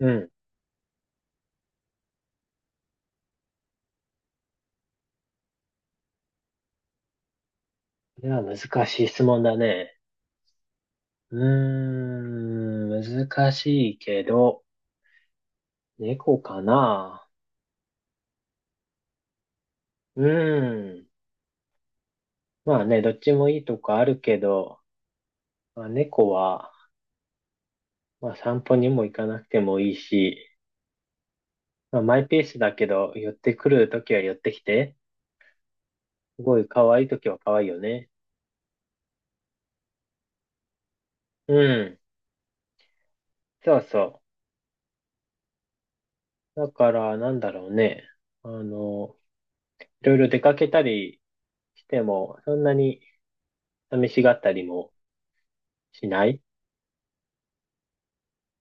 うん。これは難しい質問だね。うー難しいけど、猫かな。うーん。まあね、どっちもいいとこあるけど、まあ、猫は、まあ散歩にも行かなくてもいいし、まあマイペースだけど、寄ってくるときは寄ってきて、すごい可愛いときは可愛いよね。うん。そうそう。だから、なんだろうね。あの、いろいろ出かけたりしても、そんなに寂しがったりもしない、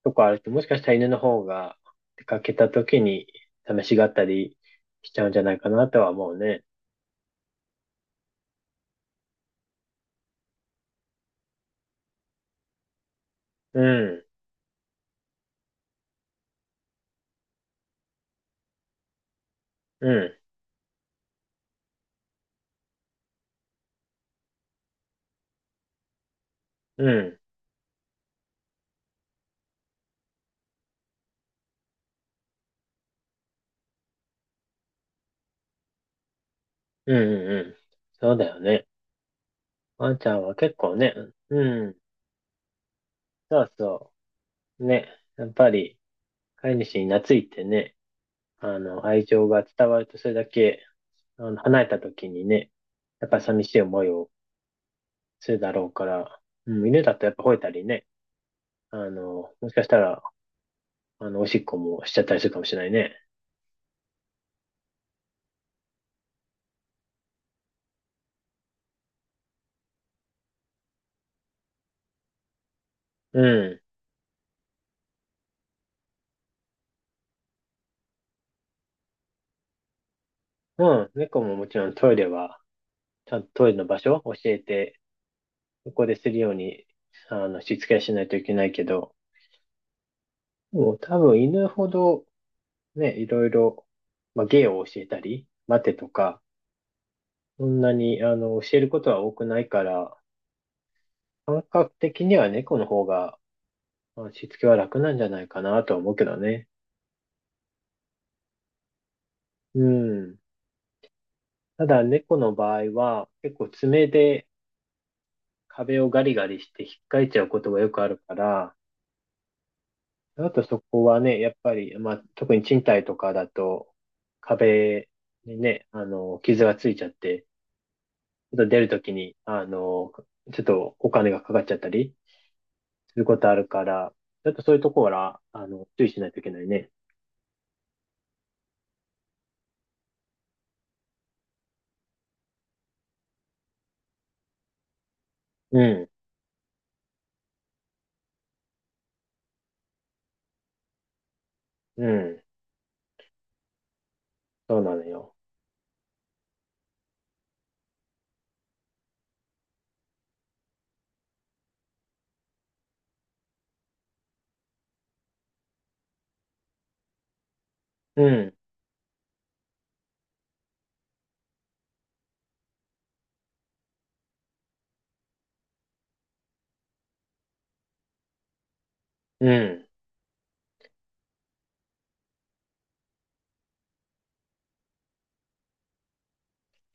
とかあると、もしかしたら犬の方が出かけた時に試しがったりしちゃうんじゃないかなとは思うね。うん、うん、うん、うん、うん。そうだよね。ワンちゃんは結構ね、うん、そうそう。ね、やっぱり飼い主に懐いてね、愛情が伝わるとそれだけ、離れた時にね、やっぱ寂しい思いをするだろうから、うん、犬だとやっぱ吠えたりね、もしかしたら、おしっこもしちゃったりするかもしれないね。うん。うん、猫ももちろんトイレは、ちゃんとトイレの場所を教えて、そこでするように、しつけはしないといけないけど、もう多分犬ほど、ね、いろいろ、まあ、芸を教えたり、待てとか、そんなに、あの、教えることは多くないから、感覚的には猫の方が、まあしつけは楽なんじゃないかなとは思うけどね。うん。ただ、猫の場合は、結構爪で壁をガリガリして引っかいちゃうことがよくあるから、あとそこはね、やっぱり、まあ、特に賃貸とかだと、壁にね、傷がついちゃって、ちょっと出るときに、ちょっとお金がかかっちゃったりすることあるから、ちょっとそういうところは、注意しないといけないね。うん、うん、そうなのよ。うん、うん、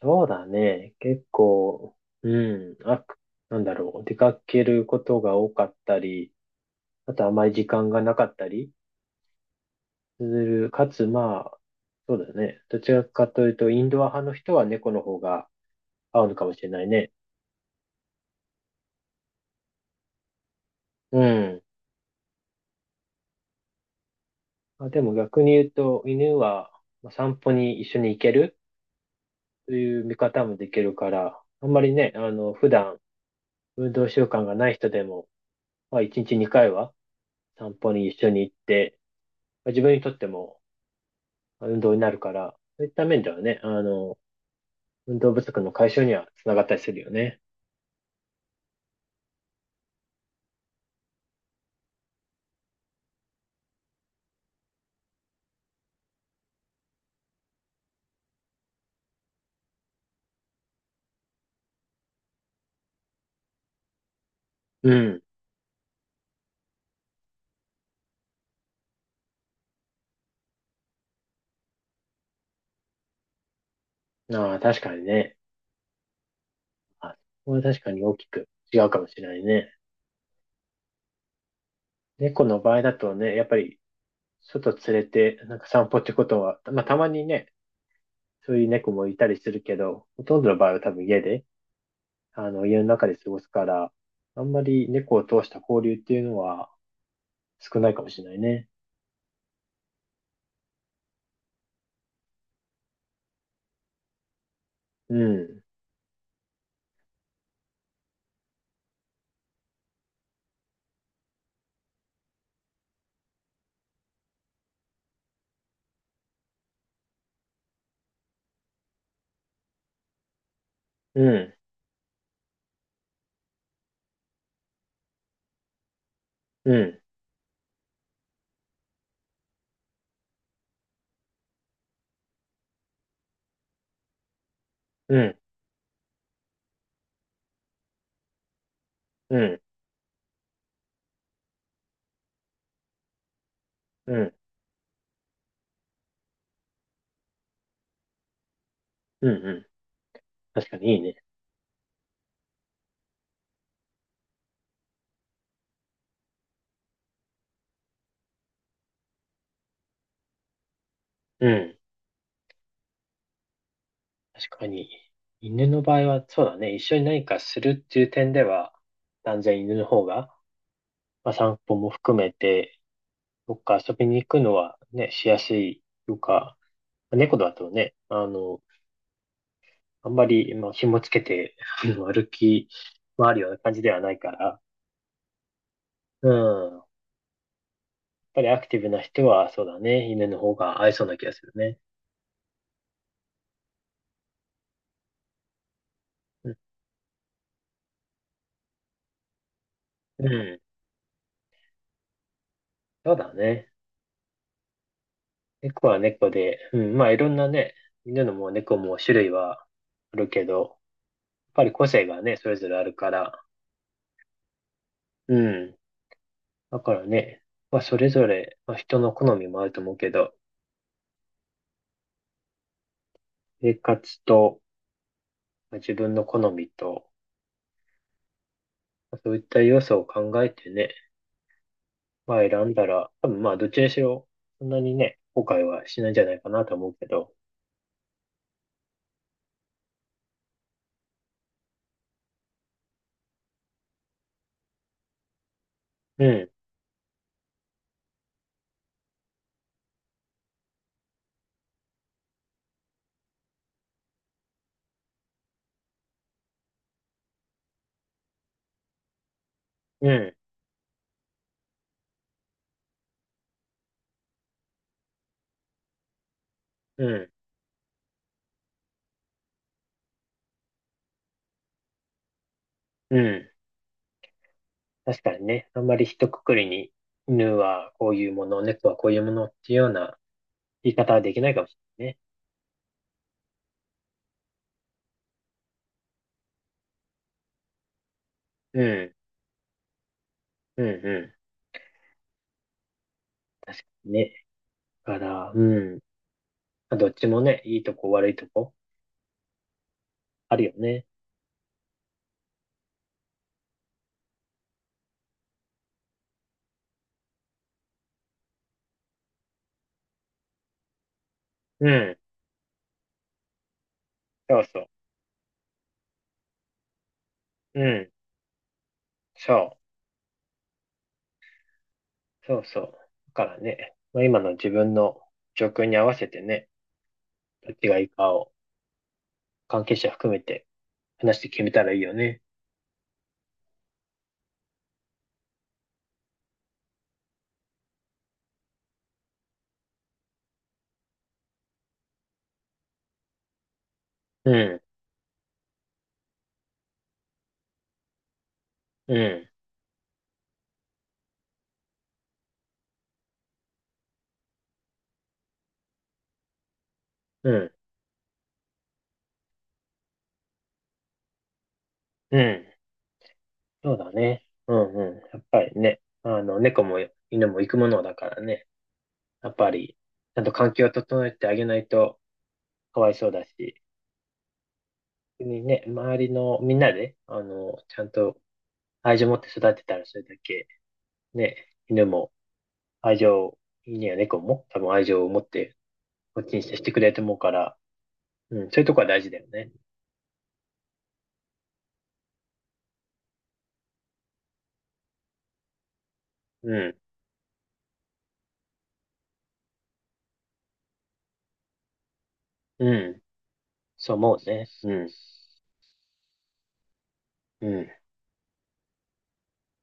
そうだね。結構、うん、あ、なんだろう、出かけることが多かったり、あとあまり時間がなかったりする。かつ、まあ、そうだよね。どちらかというと、インドア派の人は猫の方が合うのかもしれないね。うん。まあ、でも逆に言うと、犬はまあ散歩に一緒に行けるという見方もできるから、あんまりね、普段運動習慣がない人でも、まあ、1日2回は散歩に一緒に行って、まあ、自分にとってもまあ運動になるから、そういった面ではね、運動不足の解消にはつながったりするよね。うん。ああ、確かにね。はい。これは確かに大きく違うかもしれないね。猫の場合だとね、やっぱり外連れてなんか散歩ってことは、まあたまにね、そういう猫もいたりするけど、ほとんどの場合は多分家で、あの家の中で過ごすから、あんまり猫を通した交流っていうのは少ないかもしれないね。うん、うん、うん、うん、うん、うん、うん、うん。確かにいいね。うん。確かに。犬の場合はそうだね。一緒に何かするっていう点では、断然犬の方がまあ、散歩も含めて、どっか遊びに行くのはね、しやすいというか、まあ猫だとね、あんまり、まあ、紐つけて、あの歩き回るような感じではないから、うん。やっぱりアクティブな人は、そうだね、犬の方が合いそうな気がするね。うん。うんそうだね。猫は猫で、うん。まあ、いろんなね、犬のも猫も種類はあるけど、やっぱり個性がね、それぞれあるから、うん。だからね、まあ、それぞれ、まあ、人の好みもあると思うけど、生活と、まあ、自分の好みと、まあそういった要素を考えてね、まあ、選んだら、多分まあ、どっちにしろ、そんなにね、後悔はしないんじゃないかなと思うけど、うん、うん、うん、うん。確かにね、あんまり一括りに、犬はこういうもの、猫はこういうものっていうような言い方はできないかもしれないね。うん、うん、うん。確かにね。だから、うん。まあどっちもね、いいとこ悪いとこあるよね。うん。そうそう。うん。そう。そうそう。だからね、まあ、今の自分の状況に合わせてね、どっちがいいかを関係者含めて話して決めたらいいよね。うん。うん。うん。うん。そうだね。うんうん。やっぱりね、猫も犬も行くものだからね。やっぱり、ちゃんと環境を整えてあげないとかわいそうだし、逆にね、周りのみんなで、ちゃんと愛情を持って育てたらそれだけ、ね、犬も愛情には猫も多分愛情を持ってこっちに接してくれると思うから、うん、そういうとこは大事だよね。うん、うん、そう思うね。うん、うん。